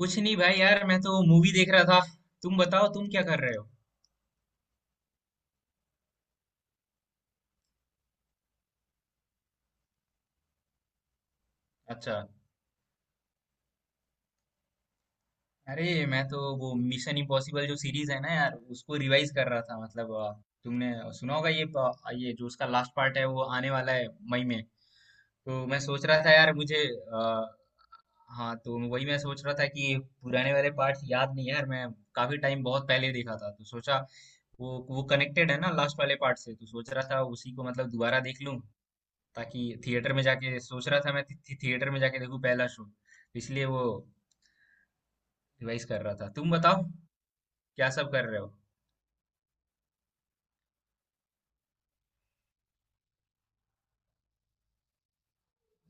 कुछ नहीं भाई यार, मैं तो मूवी देख रहा था। तुम बताओ, तुम क्या कर रहे हो? अच्छा। अरे मैं तो वो मिशन इम्पॉसिबल जो सीरीज है ना यार, उसको रिवाइज कर रहा था। मतलब तुमने सुना होगा ये ये जो उसका लास्ट पार्ट है वो आने वाला है मई में। तो मैं सोच रहा था यार मुझे अ, हाँ, तो वही मैं सोच रहा था कि पुराने वाले पार्ट्स याद नहीं है यार। मैं काफी टाइम बहुत पहले देखा था, तो सोचा वो कनेक्टेड है ना लास्ट वाले पार्ट से, तो सोच रहा था उसी को मतलब दोबारा देख लूं। ताकि थिएटर में जाके, सोच रहा था मैं थि- थि- थिएटर में जाके देखूं पहला शो। इसलिए वो रिवाइज कर रहा था। तुम बताओ क्या सब कर रहे हो?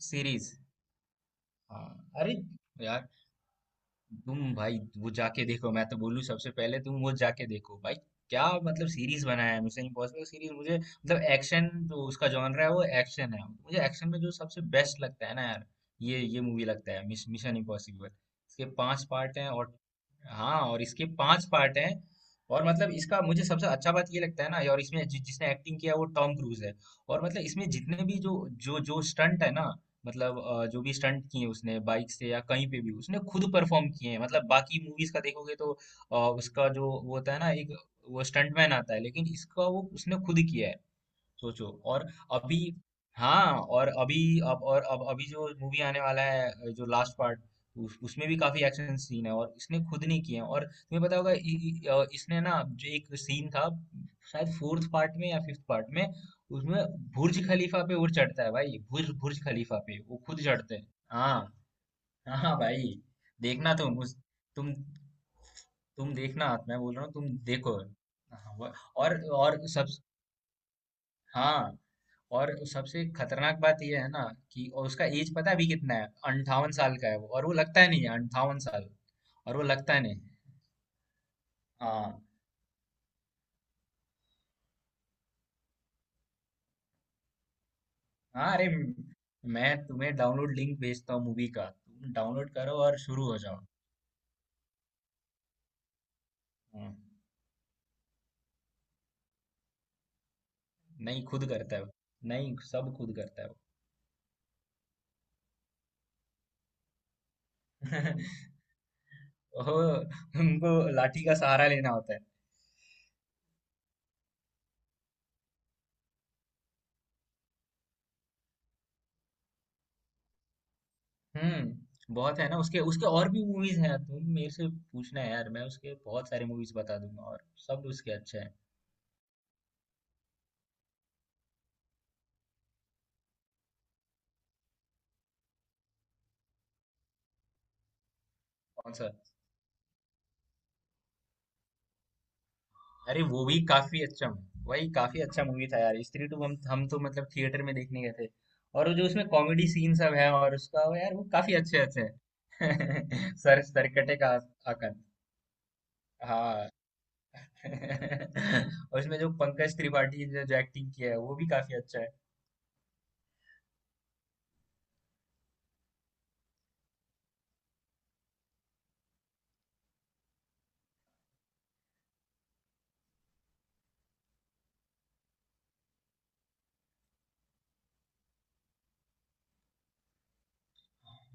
सीरीज। हाँ। अरे यार, तुम भाई वो जाके देखो, मैं तो बोलूँ सबसे पहले तुम वो जाके देखो भाई। क्या मतलब सीरीज बनाया है मिशन इम्पॉसिबल सीरीज। मुझे मतलब एक्शन जो उसका जॉनर है, वो एक्शन है। मुझे एक्शन में जो सबसे बेस्ट लगता है ना यार, ये मूवी लगता है मिशन इम्पॉसिबल। इसके 5 पार्ट हैं और हाँ, और इसके 5 पार्ट हैं। और मतलब इसका मुझे सबसे अच्छा बात ये लगता है ना, और इसमें जिसने एक्टिंग किया है वो टॉम क्रूज है। और मतलब इसमें जितने भी जो जो जो स्टंट है ना, मतलब जो भी स्टंट किए उसने बाइक से या कहीं पे भी, उसने खुद परफॉर्म किए हैं। मतलब बाकी मूवीज का देखोगे तो उसका जो वो होता है ना एक वो स्टंटमैन आता है, लेकिन इसका वो उसने खुद किया है। सोचो। और अभी हाँ, और अभी अब और अब अभी जो मूवी आने वाला है जो लास्ट पार्ट, उसमें भी काफी एक्शन सीन है और इसने खुद नहीं किए हैं। और तुम्हें पता होगा इ, इ, अ, इसने ना जो एक सीन था शायद फोर्थ पार्ट में या फिफ्थ पार्ट में, उसमें बुर्ज खलीफा पे वो चढ़ता है भाई। बुर्ज बुर्ज खलीफा पे वो खुद चढ़ते हैं। हाँ। हाँ भाई। देखना तुम उस तुम तुम देखना, मैं बोल रहा हूँ तुम देखो। हाँ, और सब। हाँ और सबसे खतरनाक बात यह है ना कि और उसका एज पता है अभी कितना है? 58 साल का है वो, और वो लगता ही नहीं है 58 साल। और वो लगता ही नहीं। हाँ। हाँ अरे, मैं तुम्हें डाउनलोड लिंक भेजता हूँ मूवी का, तुम डाउनलोड करो और शुरू हो जाओ। हाँ, नहीं खुद करता है वो। नहीं सब खुद करता है वो। ओह, उनको लाठी का सहारा लेना होता है। हम्म, बहुत है ना उसके। और भी मूवीज हैं, तुम मेरे से पूछना है यार, मैं उसके बहुत सारे मूवीज बता दूंगा और सब उसके अच्छे हैं। कौन सा? अरे वो भी काफी अच्छा। वही काफी अच्छा मूवी था यार स्त्री टू। हम तो मतलब थिएटर में देखने गए थे। और वो जो उसमें कॉमेडी सीन सब है और उसका वो यार वो काफी अच्छे अच्छे हैं। सर सरकटे का आकंत। हाँ। और उसमें जो पंकज त्रिपाठी ने जो एक्टिंग किया है वो भी काफी अच्छा है।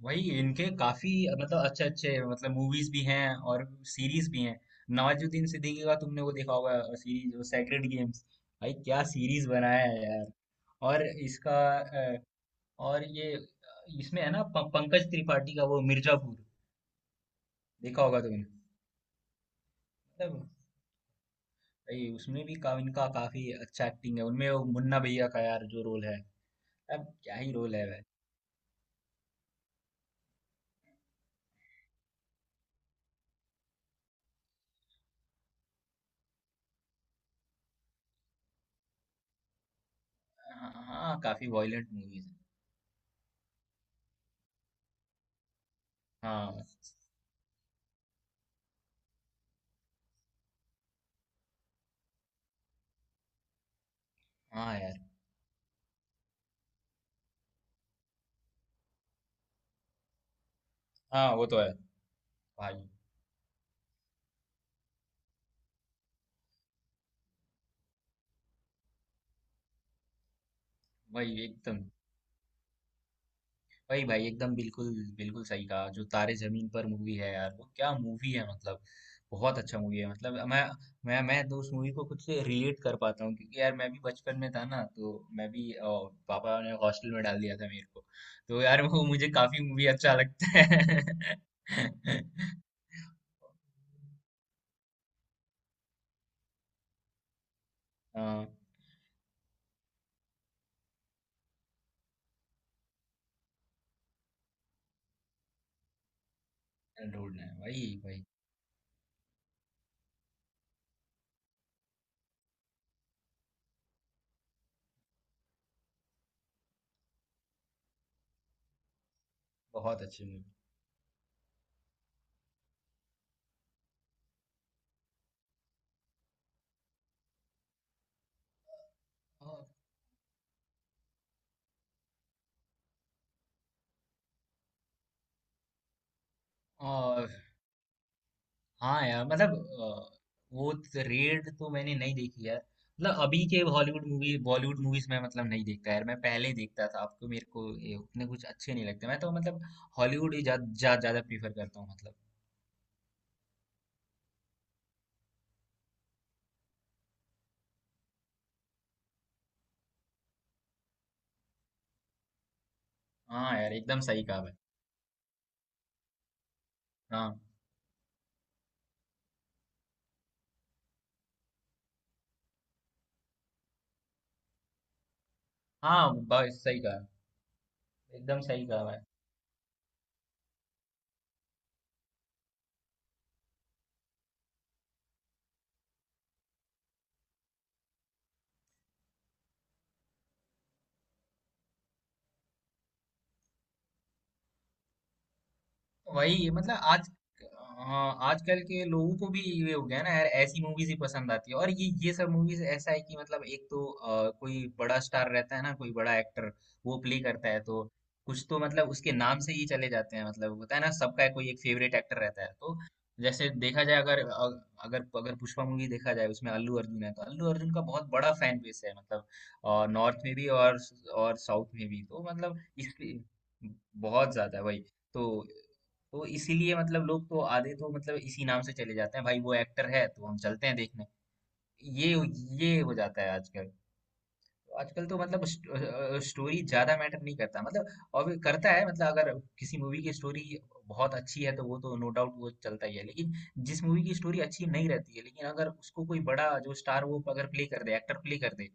वही इनके काफी मतलब अच्छे अच्छे मतलब मूवीज भी हैं और सीरीज भी हैं। नवाजुद्दीन सिद्दीकी का तुमने वो देखा होगा सीरीज, वो सेक्रेड गेम्स। भाई क्या सीरीज बनाया है यार। और इसका और ये इसमें है ना पंकज त्रिपाठी का वो मिर्जापुर, देखा होगा तुमने। मतलब भाई उसमें भी इनका काफी अच्छा एक्टिंग है। उनमें वो मुन्ना भैया का यार जो रोल है, अब क्या ही रोल है भाई। हाँ हाँ, काफी वॉयलेंट मूवीज। हाँ। हाँ यार। हाँ वो तो है। भाई। भाई एकदम वही भाई एकदम बिल्कुल, बिल्कुल सही कहा। जो तारे जमीन पर मूवी है यार, वो क्या मूवी है मतलब। बहुत अच्छा मूवी है मतलब। मैं तो उस मूवी को खुद से रिलेट कर पाता हूँ, क्योंकि यार मैं भी बचपन में था ना, तो मैं भी पापा ने हॉस्टल में डाल दिया था मेरे को। तो यार वो मुझे काफी मूवी अच्छा लगता है। हाँ, ढूंढना है, वही वही। बहुत अच्छी मूवी। और, और हाँ यार मतलब अ, वो रेड तो मैंने नहीं देखी यार। मतलब अभी के हॉलीवुड मूवी बॉलीवुड मूवीज में मतलब नहीं देखता यार मैं। पहले देखता था आपको, मेरे को ये उतने कुछ अच्छे नहीं लगते। मैं तो मतलब हॉलीवुड ही ज्यादा जा, जा, ज्यादा प्रीफर करता हूँ मतलब। हाँ यार एकदम सही कहा भाई। हाँ। हाँ बस सही कहा। एकदम सही कहा भाई। वही मतलब आज हाँ आजकल के लोगों को भी ये हो गया ना यार, ऐसी मूवीज ही पसंद आती है। और ये सब मूवीज ऐसा है कि मतलब एक तो कोई बड़ा स्टार रहता है ना, कोई बड़ा एक्टर वो प्ले करता है, तो कुछ तो मतलब उसके नाम से ही चले जाते हैं। मतलब होता है ना सबका कोई एक फेवरेट एक्टर रहता है तो। जैसे देखा जाए अगर अगर अगर पुष्पा मूवी देखा जाए, उसमें अल्लू अर्जुन है, तो अल्लू अर्जुन का बहुत बड़ा फैन बेस है मतलब। और नॉर्थ में भी और साउथ में भी तो मतलब, इसलिए बहुत ज्यादा वही तो तो इसीलिए मतलब लोग तो आधे तो मतलब इसी नाम से चले जाते हैं भाई। वो एक्टर है तो हम चलते हैं देखने। ये ये हो जाता है आजकल तो। आजकल तो मतलब स्टोरी ज्यादा मैटर नहीं करता मतलब। और भी करता है मतलब, अगर किसी मूवी की स्टोरी बहुत अच्छी है तो वो तो नो डाउट वो चलता ही है, लेकिन जिस मूवी की स्टोरी अच्छी नहीं रहती है, लेकिन अगर उसको कोई बड़ा जो स्टार वो अगर प्ले कर दे, एक्टर प्ले कर दे,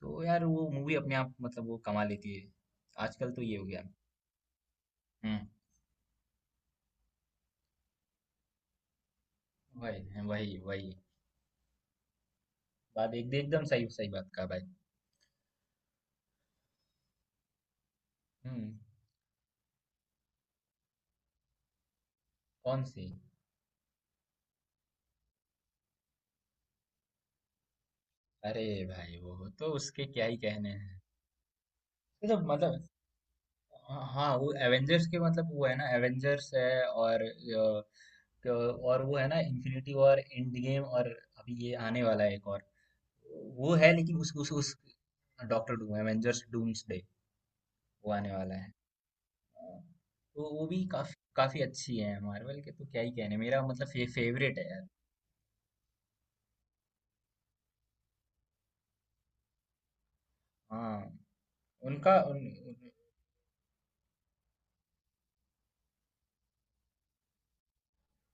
तो यार वो मूवी अपने आप मतलब वो कमा लेती है। आजकल तो ये हो गया। हम्म। वही वही वही। बात एक एकदम सही सही बात कहा भाई। हुँ, कौन-सी? अरे भाई वो तो उसके क्या ही कहने हैं। ये तो मतलब ह हाँ, वो एवेंजर्स के मतलब वो है ना एवेंजर्स है और अ, क और वो है ना इन्फिनिटी वॉर, एंड गेम और अभी ये आने वाला है एक और। वो है लेकिन उस डॉक्टर डूम एवेंजर्स डूम्सडे वो आने वाला है। हाँ, तो वो भी काफ़ी काफ़ी अच्छी है। मार्वल के तो क्या ही कहने, मेरा मतलब फे फेवरेट है यार। हाँ, उनका उन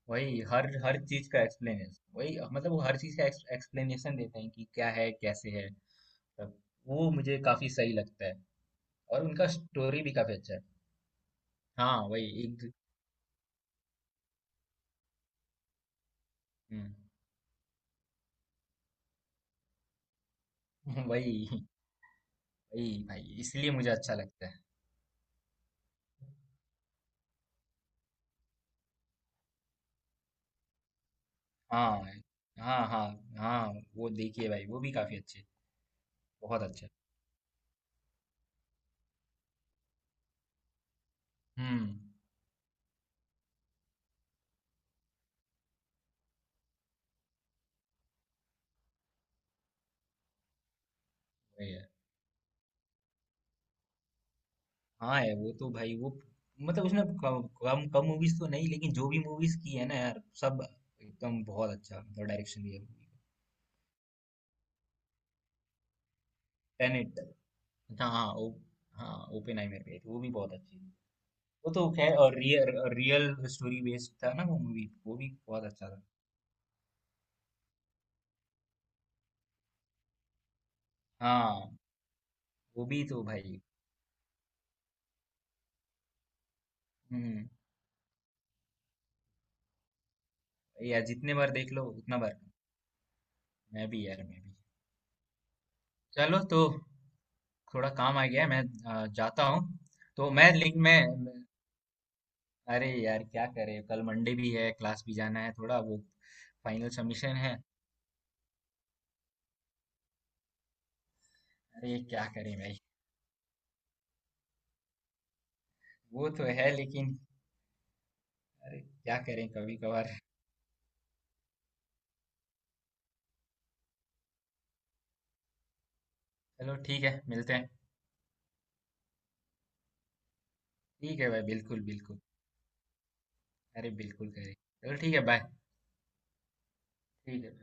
वही हर हर चीज का एक्सप्लेनेशन वही मतलब वो हर चीज का एक्सप्लेनेशन देते हैं कि क्या है कैसे है, तब वो मुझे काफी सही लगता है। और उनका स्टोरी भी काफी अच्छा है। हाँ वही एक हम्म, वही वही भाई इसलिए मुझे अच्छा लगता है। हाँ हाँ हाँ हाँ वो देखिए भाई वो भी काफी अच्छे, बहुत अच्छे। हम्म। वही है। हाँ है, वो तो भाई वो मतलब उसने कम कम मूवीज तो नहीं, लेकिन जो भी मूवीज की है ना यार सब एकदम बहुत अच्छा मतलब डायरेक्शन दिया। टेनेट। हाँ हाँ ओ, हाँ ओपेनहाइमर पे आई थी वो भी बहुत अच्छी थी। वो तो खैर और रियल, रियल स्टोरी बेस्ड था ना वो मूवी, वो भी बहुत अच्छा था। हाँ वो भी तो भाई। हम्म। यार जितने बार देख लो उतना बार, मैं भी यार मैं भी। चलो तो थोड़ा काम आ गया है, मैं जाता हूँ। तो मैं लिंक में अरे यार क्या करे, कल मंडे भी है, क्लास भी जाना है थोड़ा वो, फाइनल सबमिशन है। अरे क्या करें भाई। वो तो है, लेकिन अरे क्या करें कभी कभार। चलो ठीक है, मिलते हैं। ठीक है भाई, बिल्कुल बिल्कुल। अरे बिल्कुल करे, चलो ठीक है, बाय। ठीक है।